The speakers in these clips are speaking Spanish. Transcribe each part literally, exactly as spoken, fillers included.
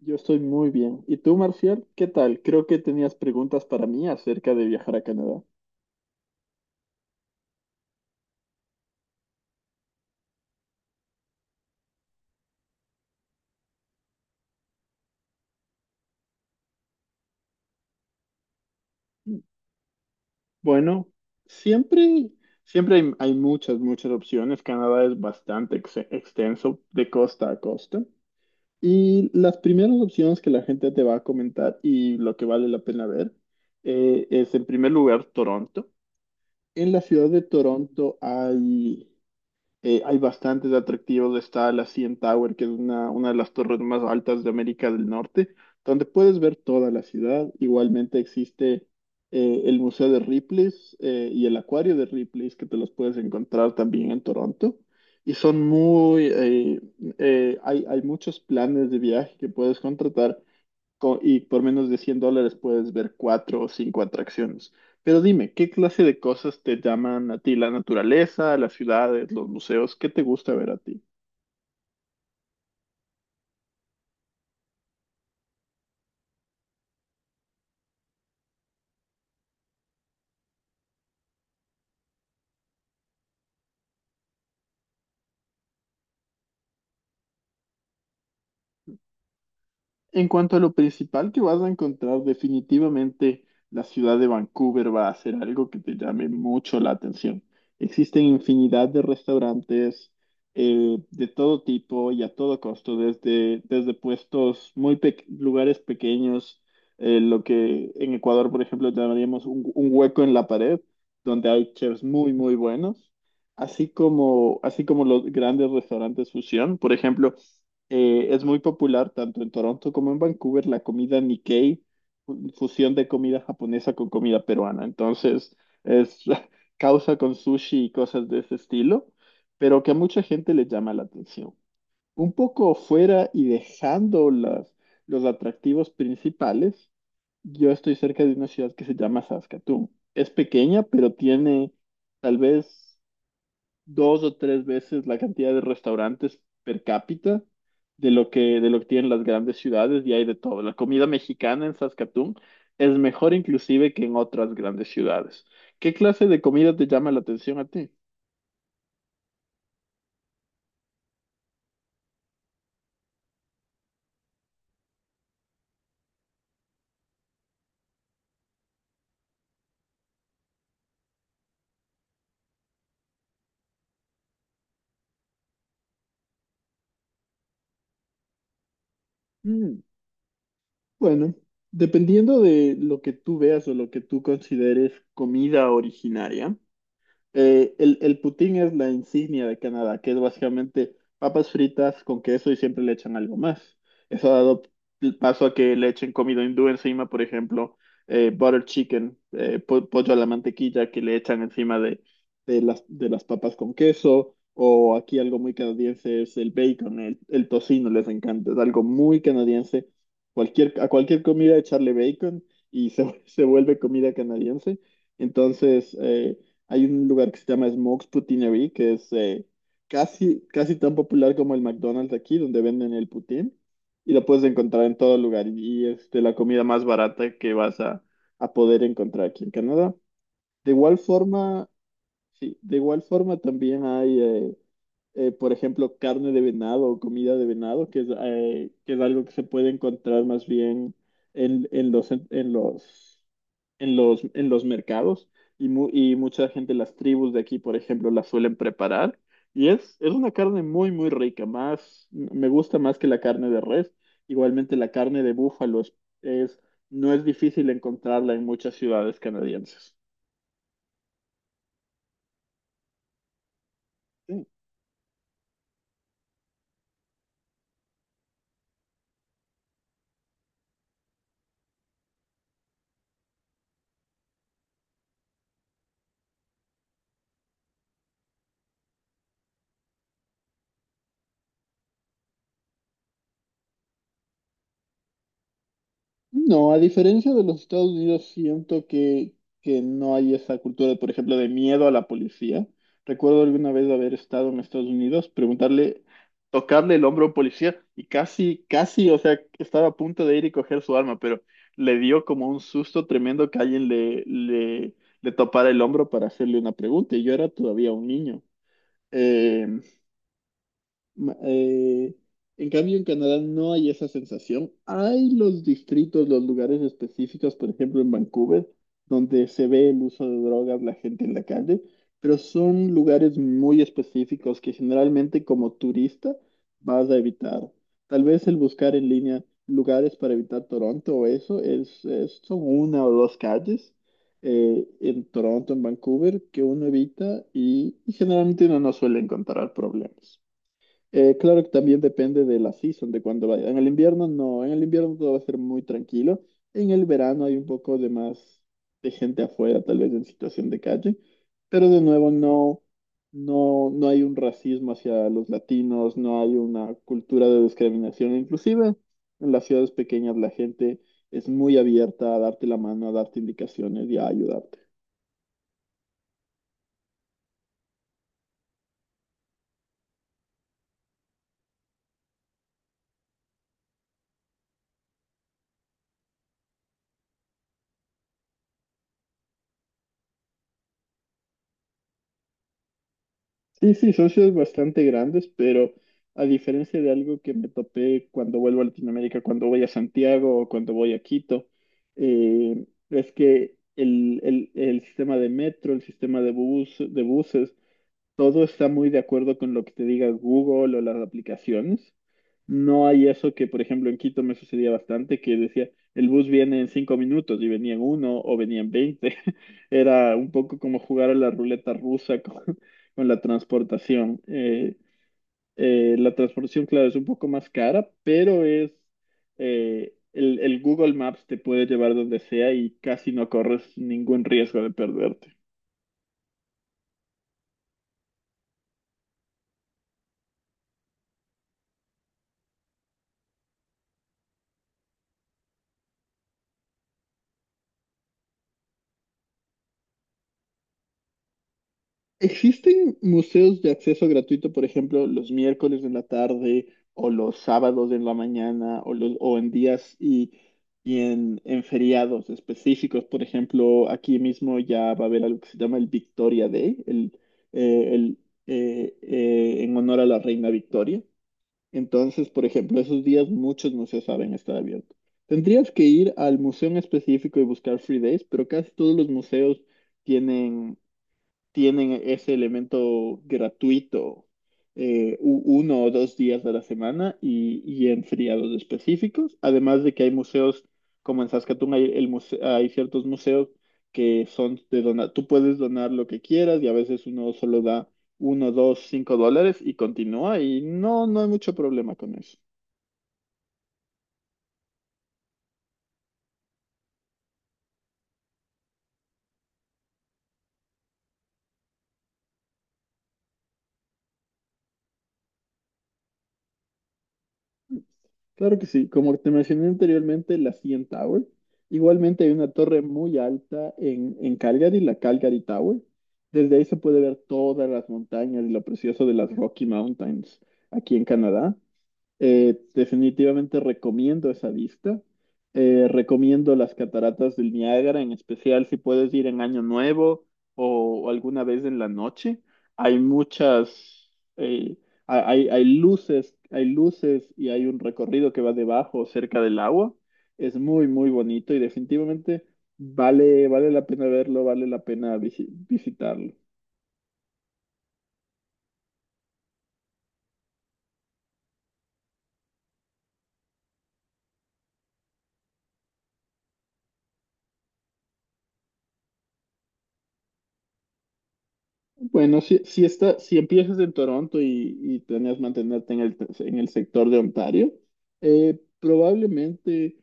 Yo estoy muy bien. ¿Y tú, Marcial? ¿Qué tal? Creo que tenías preguntas para mí acerca de viajar a Canadá. Bueno, siempre, siempre hay, hay muchas, muchas opciones. Canadá es bastante ex- extenso de costa a costa. Y las primeras opciones que la gente te va a comentar y lo que vale la pena ver eh, es, en primer lugar, Toronto. En la ciudad de Toronto hay Eh, hay bastantes atractivos. Está la C N Tower, que es una, una de las torres más altas de América del Norte, donde puedes ver toda la ciudad. Igualmente existe eh, el Museo de Ripley's eh, y el Acuario de Ripley's, que te los puedes encontrar también en Toronto. Y son muy, eh, eh, hay, hay muchos planes de viaje que puedes contratar co- y por menos de cien dólares puedes ver cuatro o cinco atracciones. Pero dime, ¿qué clase de cosas te llaman a ti? ¿La naturaleza, las ciudades, los museos? ¿Qué te gusta ver a ti? En cuanto a lo principal que vas a encontrar, definitivamente la ciudad de Vancouver va a ser algo que te llame mucho la atención. Existen infinidad de restaurantes eh, de todo tipo y a todo costo, desde, desde puestos muy pe- lugares pequeños, eh, lo que en Ecuador, por ejemplo, llamaríamos un, un hueco en la pared, donde hay chefs muy, muy buenos, así como, así como los grandes restaurantes fusión, por ejemplo. Eh, es muy popular tanto en Toronto como en Vancouver la comida Nikkei, fu- fusión de comida japonesa con comida peruana. Entonces, es causa con sushi y cosas de ese estilo, pero que a mucha gente le llama la atención. Un poco fuera y dejando las, los atractivos principales, yo estoy cerca de una ciudad que se llama Saskatoon. Es pequeña, pero tiene tal vez dos o tres veces la cantidad de restaurantes per cápita de lo que, de lo que tienen las grandes ciudades y hay de todo. La comida mexicana en Saskatoon es mejor inclusive que en otras grandes ciudades. ¿Qué clase de comida te llama la atención a ti? Mm, bueno, dependiendo de lo que tú veas o lo que tú consideres comida originaria. Eh, el, el poutine es la insignia de Canadá, que es básicamente papas fritas con queso y siempre le echan algo más. Eso ha dado p- paso a que le echen comida hindú encima, por ejemplo, eh, butter chicken, eh, po- pollo a la mantequilla que le echan encima de, de las, de las papas con queso. O aquí algo muy canadiense es el bacon, el, el tocino, les encanta. Es algo muy canadiense. Cualquier, a cualquier comida echarle bacon y se, se vuelve comida canadiense. Entonces, eh, hay un lugar que se llama Smoke's Poutinery, que es eh, casi, casi tan popular como el McDonald's aquí, donde venden el poutine, y lo puedes encontrar en todo lugar, y es de la comida más barata que vas a, a poder encontrar aquí en Canadá. De igual forma, sí, de igual forma también hay, eh, eh, por ejemplo, carne de venado o comida de venado, que es, eh, que es algo que se puede encontrar más bien en, en los, en los, en los, en los mercados y, mu- y mucha gente, las tribus de aquí, por ejemplo, la suelen preparar. Y es, es una carne muy, muy rica, más, me gusta más que la carne de res. Igualmente la carne de búfalo es, es- no es difícil encontrarla en muchas ciudades canadienses. No, a diferencia de los Estados Unidos, siento que, que no hay esa cultura, por ejemplo, de miedo a la policía. Recuerdo alguna vez haber estado en Estados Unidos, preguntarle, tocarle el hombro a un policía y casi, casi, o sea, estaba a punto de ir y coger su arma, pero le dio como un susto tremendo que alguien le, le, le topara el hombro para hacerle una pregunta y yo era todavía un niño. Eh, Ma- eh, en cambio, en Canadá no hay esa sensación. Hay los distritos, los lugares específicos, por ejemplo, en Vancouver, donde se ve el uso de drogas, la gente en la calle, pero son lugares muy específicos que generalmente como turista vas a evitar. Tal vez el buscar en línea lugares para evitar Toronto o eso es, es- son una o dos calles. Eh, en Toronto, en Vancouver, que uno evita y, y generalmente uno no suele encontrar problemas. Eh, claro que también depende de la season, de cuando vaya. En el invierno no, en el invierno todo va a ser muy tranquilo. En el verano hay un poco de más de gente afuera, tal vez en situación de calle, pero de nuevo no, no, no hay un racismo hacia los latinos, no hay una cultura de discriminación. Inclusive en las ciudades pequeñas la gente es muy abierta a darte la mano, a darte indicaciones y a ayudarte. Sí, sí, son ciudades bastante grandes, pero a diferencia de algo que me topé cuando vuelvo a Latinoamérica, cuando voy a Santiago o cuando voy a Quito, eh, es que el, el- el sistema de metro, el sistema de bus, de buses todo está muy de acuerdo con lo que te diga Google o las aplicaciones. No hay eso que, por ejemplo, en Quito me sucedía bastante, que decía, el bus viene en cinco minutos y venía en uno o venía en veinte. Era un poco como jugar a la ruleta rusa con, con la transportación. Eh, eh, la transportación, claro, es un poco más cara, pero es... eh, el, el Google Maps te puede llevar donde sea y casi no corres ningún riesgo de perderte. ¿Existen museos de acceso gratuito, por ejemplo, los miércoles en la tarde o los sábados en la mañana o, los, o en días y, y en, en feriados específicos? Por ejemplo, aquí mismo ya va a haber algo que se llama el Victoria Day, el, eh, el, eh, eh, en honor a la reina Victoria. Entonces, por ejemplo, esos días muchos museos saben estar abiertos. Tendrías que ir al museo en específico y buscar free days, pero casi todos los museos tienen tienen e-, ese elemento gratuito eh, u- uno o dos días de la semana y, y en feriados específicos. Además de que hay museos, como en Saskatoon hay, el muse- hay ciertos museos que son de donar, tú puedes donar lo que quieras y a veces uno solo da uno, dos, cinco dólares y continúa y no, no hay mucho problema con eso. Claro que sí, como te mencioné anteriormente, la C N Tower. Igualmente hay una torre muy alta en, en Calgary, la Calgary Tower. Desde ahí se puede ver todas las montañas y lo precioso de las Rocky Mountains aquí en Canadá. Eh, definitivamente recomiendo esa vista. Eh, recomiendo las cataratas del Niágara, en especial si puedes ir en Año Nuevo o alguna vez en la noche. Hay muchas, eh, ha- hay, hay luces, hay luces y hay un recorrido que va debajo, cerca del agua. Es muy, muy bonito y definitivamente vale, vale la pena verlo, vale la pena visi- visitarlo. Bueno, si, si, está, si empiezas en Toronto y, y planeas mantenerte en el, en el sector de Ontario, eh, probablemente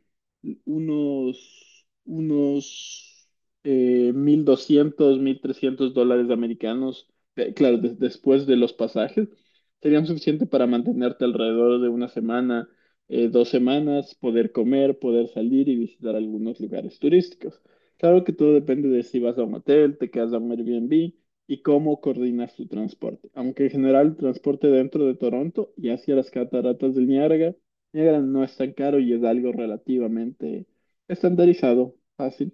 unos, unos eh, mil doscientos, mil trescientos dólares americanos, eh, claro, des- después de los pasajes, serían suficiente para mantenerte alrededor de una semana, eh, dos semanas, poder comer, poder salir y visitar algunos lugares turísticos. Claro que todo depende de si vas a un hotel, te quedas a un Airbnb y cómo coordinar su transporte. Aunque en general el transporte dentro de Toronto y hacia las cataratas del Niágara, Niágara no es tan caro y es algo relativamente estandarizado, fácil.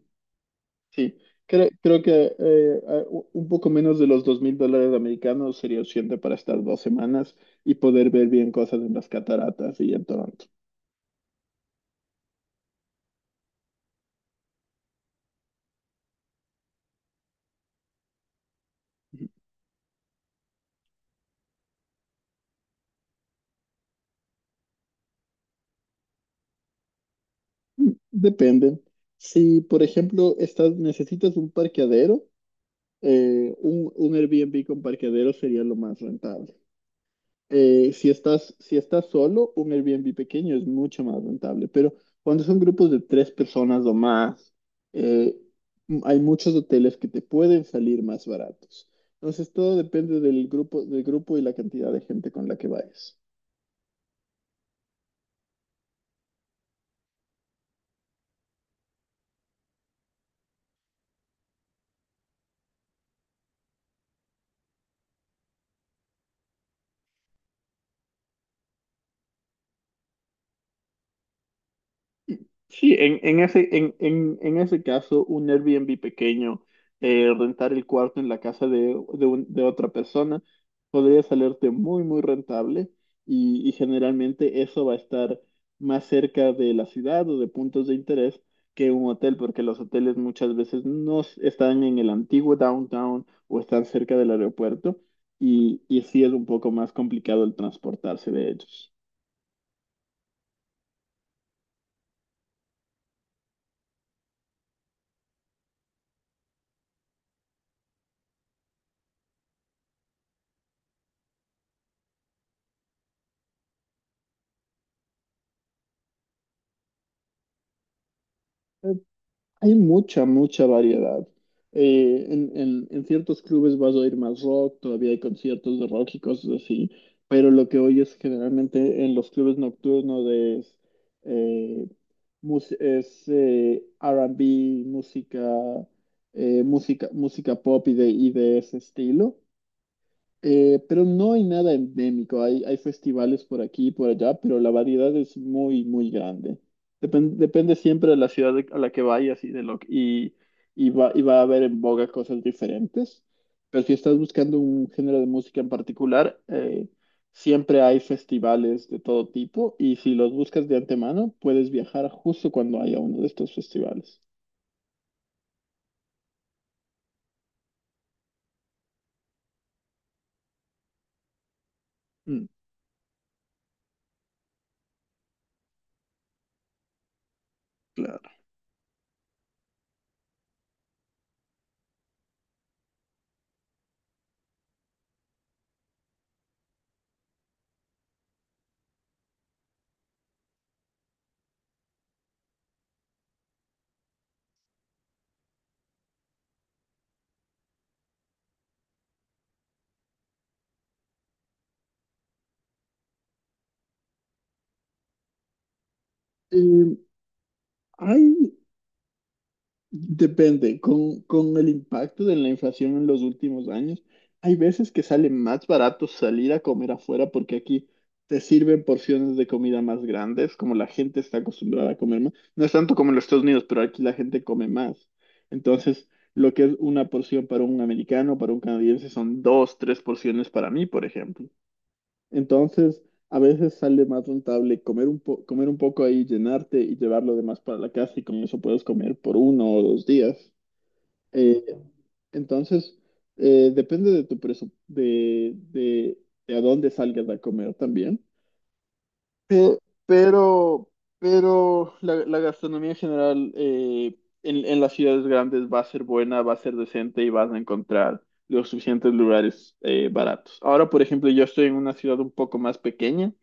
Sí, creo, creo que eh, a- u- un poco menos de los dos mil dólares americanos sería suficiente para estar dos semanas y poder ver bien cosas en las cataratas y en Toronto. Mm, depende. Si, por ejemplo, estás, necesitas un parqueadero, eh, un, un Airbnb con parqueadero sería lo más rentable. Eh, si estás, si estás solo, un Airbnb pequeño es mucho más rentable, pero cuando son grupos de tres personas o más, eh, m- hay muchos hoteles que te pueden salir más baratos. Entonces, todo depende del grupo, del grupo y la cantidad de gente con la que vayas. Sí, en, en ese, en, en, en ese caso, un Airbnb pequeño, eh, rentar el cuarto en la casa de, de, un- de otra persona, podría salirte muy, muy rentable y, y generalmente eso va a estar más cerca de la ciudad o de puntos de interés que un hotel, porque los hoteles muchas veces no s- están en el antiguo downtown o están cerca del aeropuerto y, y sí es un poco más complicado el transportarse de ellos. Hay mucha, mucha variedad. Eh, en, en- en ciertos clubes vas a oír más rock, todavía hay conciertos de rock y cosas así, pero lo que oyes generalmente en los clubes nocturnos es, eh, mus- es eh, R and B, música, eh, música, música pop y de, y de ese estilo. Eh, pero no hay nada endémico, hay, hay festivales por aquí y por allá, pero la variedad es muy, muy grande. Depen- depende siempre de la ciudad de- a la que vayas y de lo que- y, y va, y va a haber en boga cosas diferentes. Pero si estás buscando un género de música en particular, eh, siempre hay festivales de todo tipo y si los buscas de antemano, puedes viajar justo cuando haya uno de estos festivales. Mm, claro. Eh, hay Depende, con, con el impacto de la inflación en los últimos años, hay veces que sale más barato salir a comer afuera porque aquí te sirven porciones de comida más grandes, como la gente está acostumbrada a comer más. No es tanto como en los Estados Unidos, pero aquí la gente come más. Entonces, lo que es una porción para un americano, para un canadiense, son dos, tres porciones para mí, por ejemplo. Entonces, a veces sale más rentable comer un po- comer un poco ahí, llenarte y llevar lo demás para la casa y con eso puedes comer por uno o dos días. Eh, entonces, eh, depende de tu presu- de, de, de a dónde salgas a comer también. Pe- Pero, pero la, la gastronomía en general eh, en, en las ciudades grandes va a ser buena, va a ser decente y vas a encontrar los suficientes lugares eh, baratos. Ahora, por ejemplo, yo estoy en una ciudad un poco más pequeña.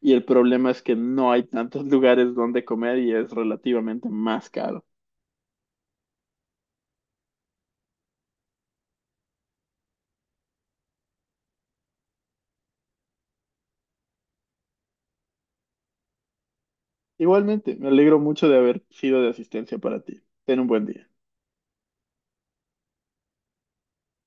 Y el problema es que no hay tantos lugares donde comer y es relativamente más caro. Igualmente, me alegro mucho de haber sido de asistencia para ti. Ten un buen día.